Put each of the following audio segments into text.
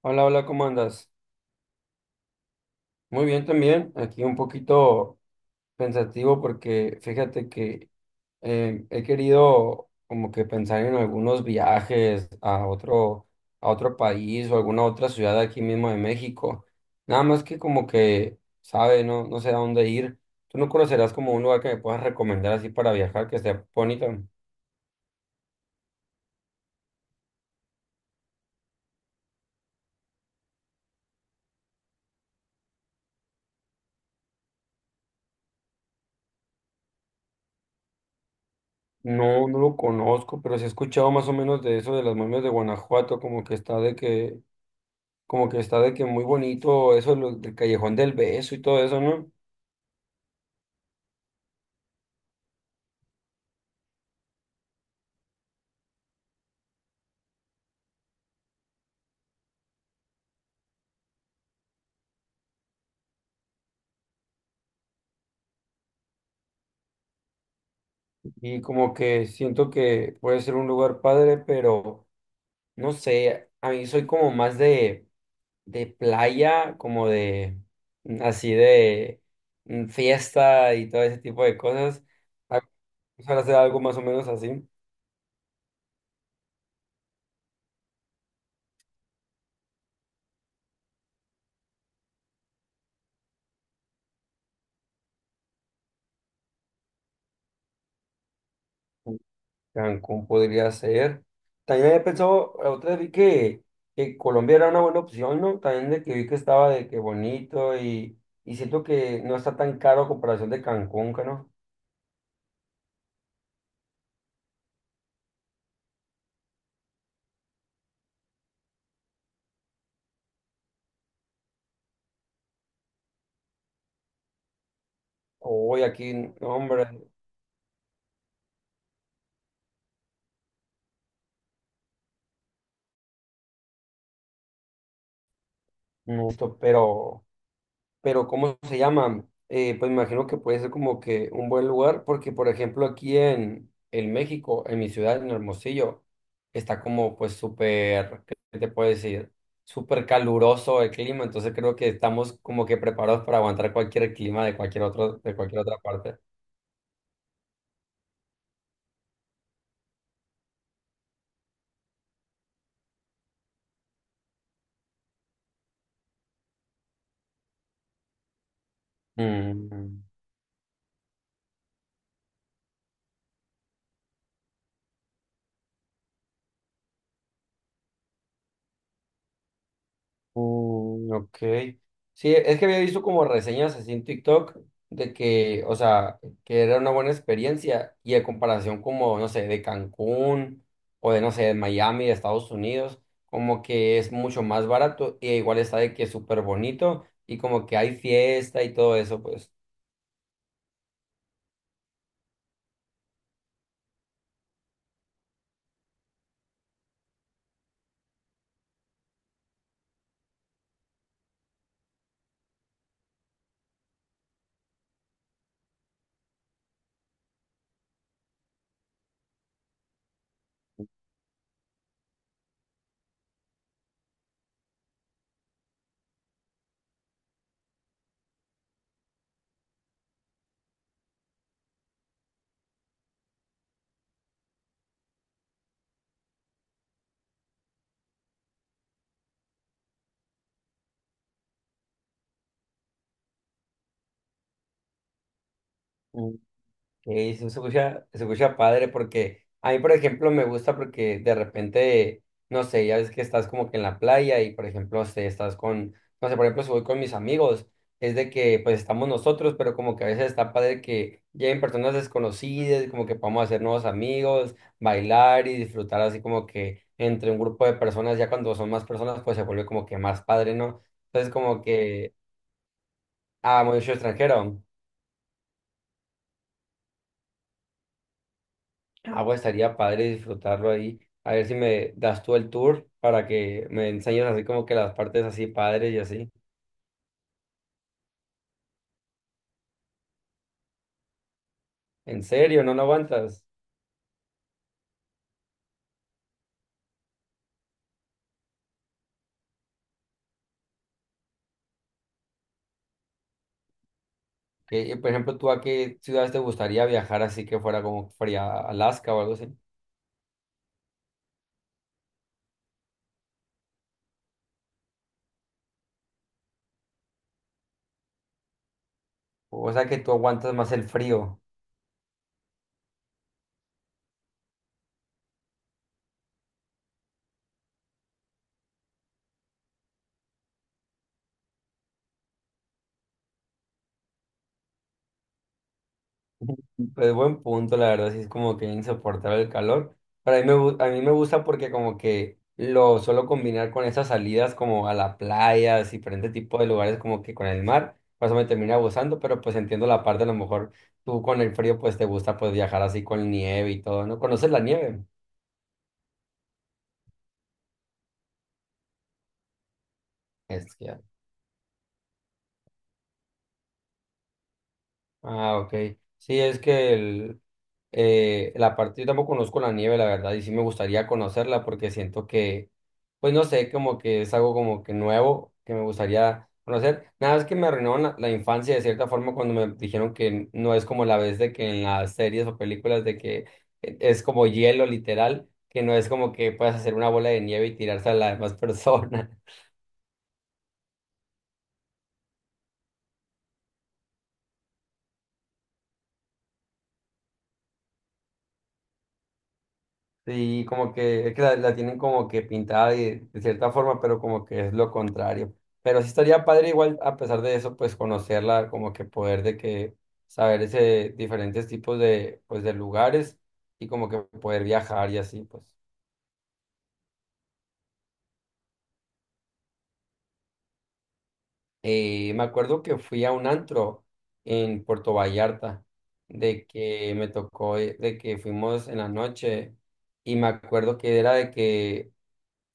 Hola, hola, ¿cómo andas? Muy bien también, aquí un poquito pensativo porque fíjate que he querido como que pensar en algunos viajes a otro país o alguna otra ciudad aquí mismo de México. Nada más que como que, sabe, no sé a dónde ir. ¿Tú no conocerás como un lugar que me puedas recomendar así para viajar que esté bonito? No, no lo conozco, pero sí he escuchado más o menos de eso de las momias de Guanajuato, como que está de que como que está de que muy bonito eso del Callejón del Beso y todo eso, ¿no? Y como que siento que puede ser un lugar padre, pero no sé, a mí soy como más de playa, como de así de fiesta y todo ese tipo de cosas. Ah, Ojalá sea algo más o menos así. Cancún podría ser. También había pensado, la otra vez vi que Colombia era una buena opción, ¿no? También de que vi que estaba de que bonito y siento que no está tan caro a comparación de Cancún, que ¿no? Hoy aquí, no, hombre, no, esto, pero ¿cómo se llama? Pues me imagino que puede ser como que un buen lugar, porque por ejemplo aquí en México, en mi ciudad, en Hermosillo, está como pues súper, ¿qué te puedo decir? Súper caluroso el clima, entonces creo que estamos como que preparados para aguantar cualquier clima de cualquier de cualquier otra parte. Mm. Mm, ok. Sí, es que había visto como reseñas así en TikTok de que, o sea, que era una buena experiencia y a comparación como, no sé, de Cancún o de, no sé, de Miami, de Estados Unidos, como que es mucho más barato y igual está de que es súper bonito y como que hay fiesta y todo eso, pues. Se escucha padre porque a mí, por ejemplo, me gusta porque de repente, no sé, ya ves que estás como que en la playa y, por ejemplo, si estás con, no sé, por ejemplo, si voy con mis amigos, es de que pues estamos nosotros, pero como que a veces está padre que lleguen personas desconocidas, como que podamos hacer nuevos amigos, bailar y disfrutar así como que entre un grupo de personas, ya cuando son más personas, pues se vuelve como que más padre, ¿no? Entonces, como que, ah, mucho extranjero. Ah, pues estaría padre disfrutarlo ahí. A ver si me das tú el tour para que me enseñes así como que las partes así padres y así. ¿En serio? ¿No lo aguantas? Que, y, por ejemplo, ¿tú a qué ciudades te gustaría viajar así que fuera como fría Alaska o algo así? O sea que tú aguantas más el frío. Pues buen punto, la verdad, sí es como que insoportable el calor. Pero a mí a mí me gusta porque como que lo suelo combinar con esas salidas como a la playa, así, diferente tipo de lugares como que con el mar. Por eso me termina gustando, pero pues entiendo la parte, a lo mejor tú con el frío pues te gusta pues viajar así con nieve y todo, ¿no? ¿Conoces la nieve? Es que Ah, ok. Sí, es que la parte, yo tampoco conozco la nieve, la verdad, y sí me gustaría conocerla porque siento que, pues no sé, como que es algo como que nuevo que me gustaría conocer. Nada más que me arruinaron la infancia de cierta forma cuando me dijeron que no es como la vez de que en las series o películas de que es como hielo literal, que no es como que puedes hacer una bola de nieve y tirársela a la demás persona. Sí, como que es que la tienen como que pintada de cierta forma, pero como que es lo contrario. Pero sí estaría padre igual, a pesar de eso, pues conocerla, como que poder de que saber ese diferentes tipos de, pues, de lugares y como que poder viajar y así, pues. Me acuerdo que fui a un antro en Puerto Vallarta, de que me tocó, de que fuimos en la noche y me acuerdo que era de que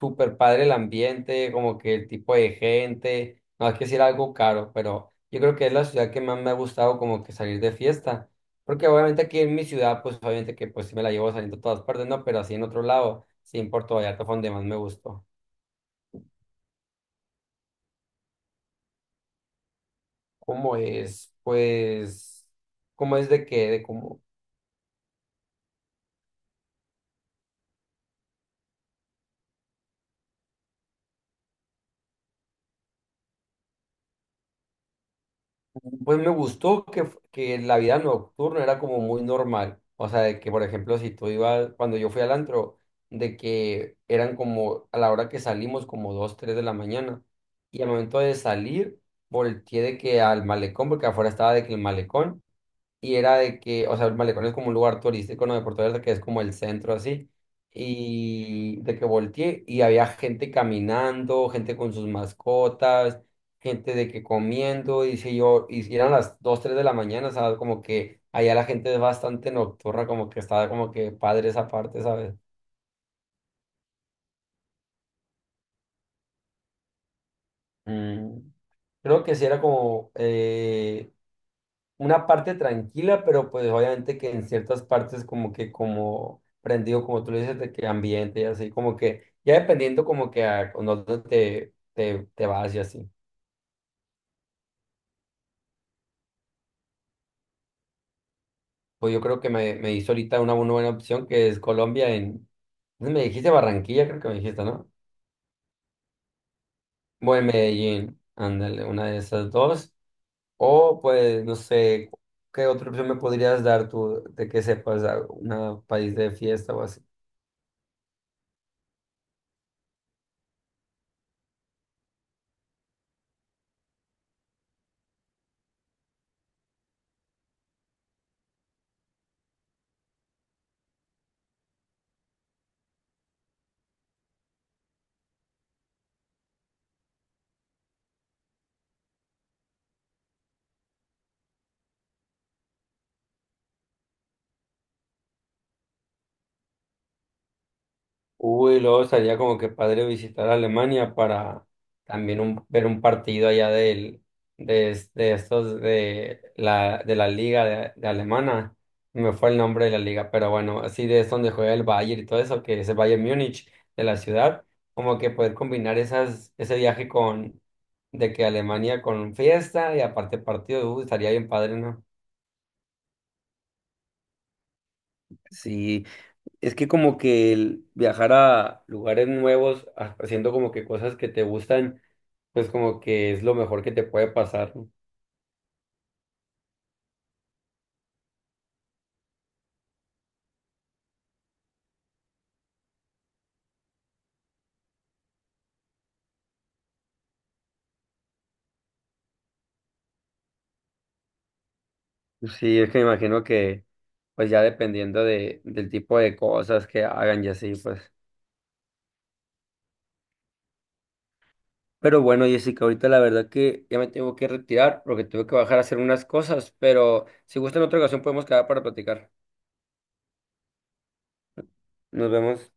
súper padre el ambiente, como que el tipo de gente, no hay que decir algo caro, pero yo creo que es la ciudad que más me ha gustado como que salir de fiesta, porque obviamente aquí en mi ciudad, pues obviamente que pues sí me la llevo saliendo a todas partes, no, pero así en otro lado, sí en Puerto Vallarta fue donde más me gustó. ¿Cómo es? Pues, ¿cómo es de qué? De cómo. Pues me gustó que la vida nocturna era como muy normal. O sea, de que, por ejemplo, si tú ibas, cuando yo fui al antro, de que eran como a la hora que salimos, como 2 3 de la mañana. Y al momento de salir, volteé de que al malecón, porque afuera estaba de que el malecón y era de que, o sea, el malecón es como un lugar turístico, ¿no? De Puerto Vallarta, que es como el centro así, y de que volteé y había gente caminando, gente con sus mascotas, gente de que comiendo, y si eran las 2 3 de la mañana, ¿sabes? Como que allá la gente es bastante nocturna, como que estaba como que padre esa parte, ¿sabes? Mm, creo que sí era como, una parte tranquila, pero pues obviamente que en ciertas partes como que como prendido, como tú le dices, de que ambiente y así, como que ya dependiendo como que a con dónde te vas y así. Pues yo creo que me hizo ahorita una, buena buena opción que es Colombia en, me dijiste Barranquilla, creo que me dijiste, ¿no? Bueno, Medellín, ándale, una de esas dos. O pues no sé, ¿qué otra opción me podrías dar tú de que sepas a un país de fiesta o así? Uy, luego estaría como que padre visitar Alemania para también ver un partido allá de estos de de la liga de alemana. Me fue el nombre de la liga, pero bueno, así de es donde juega el Bayern y todo eso, que es el Bayern Múnich de la ciudad, como que poder combinar ese viaje con de que Alemania con fiesta y aparte partido, uy, estaría bien padre, ¿no? Sí, es que como que el viajar a lugares nuevos, haciendo como que cosas que te gustan, pues como que es lo mejor que te puede pasar. ¿No? Sí, es que me imagino que pues ya dependiendo del tipo de cosas que hagan y así, pues. Pero bueno, Jessica, ahorita la verdad que ya me tengo que retirar porque tuve que bajar a hacer unas cosas, pero si gusta en otra ocasión podemos quedar para platicar. Nos vemos.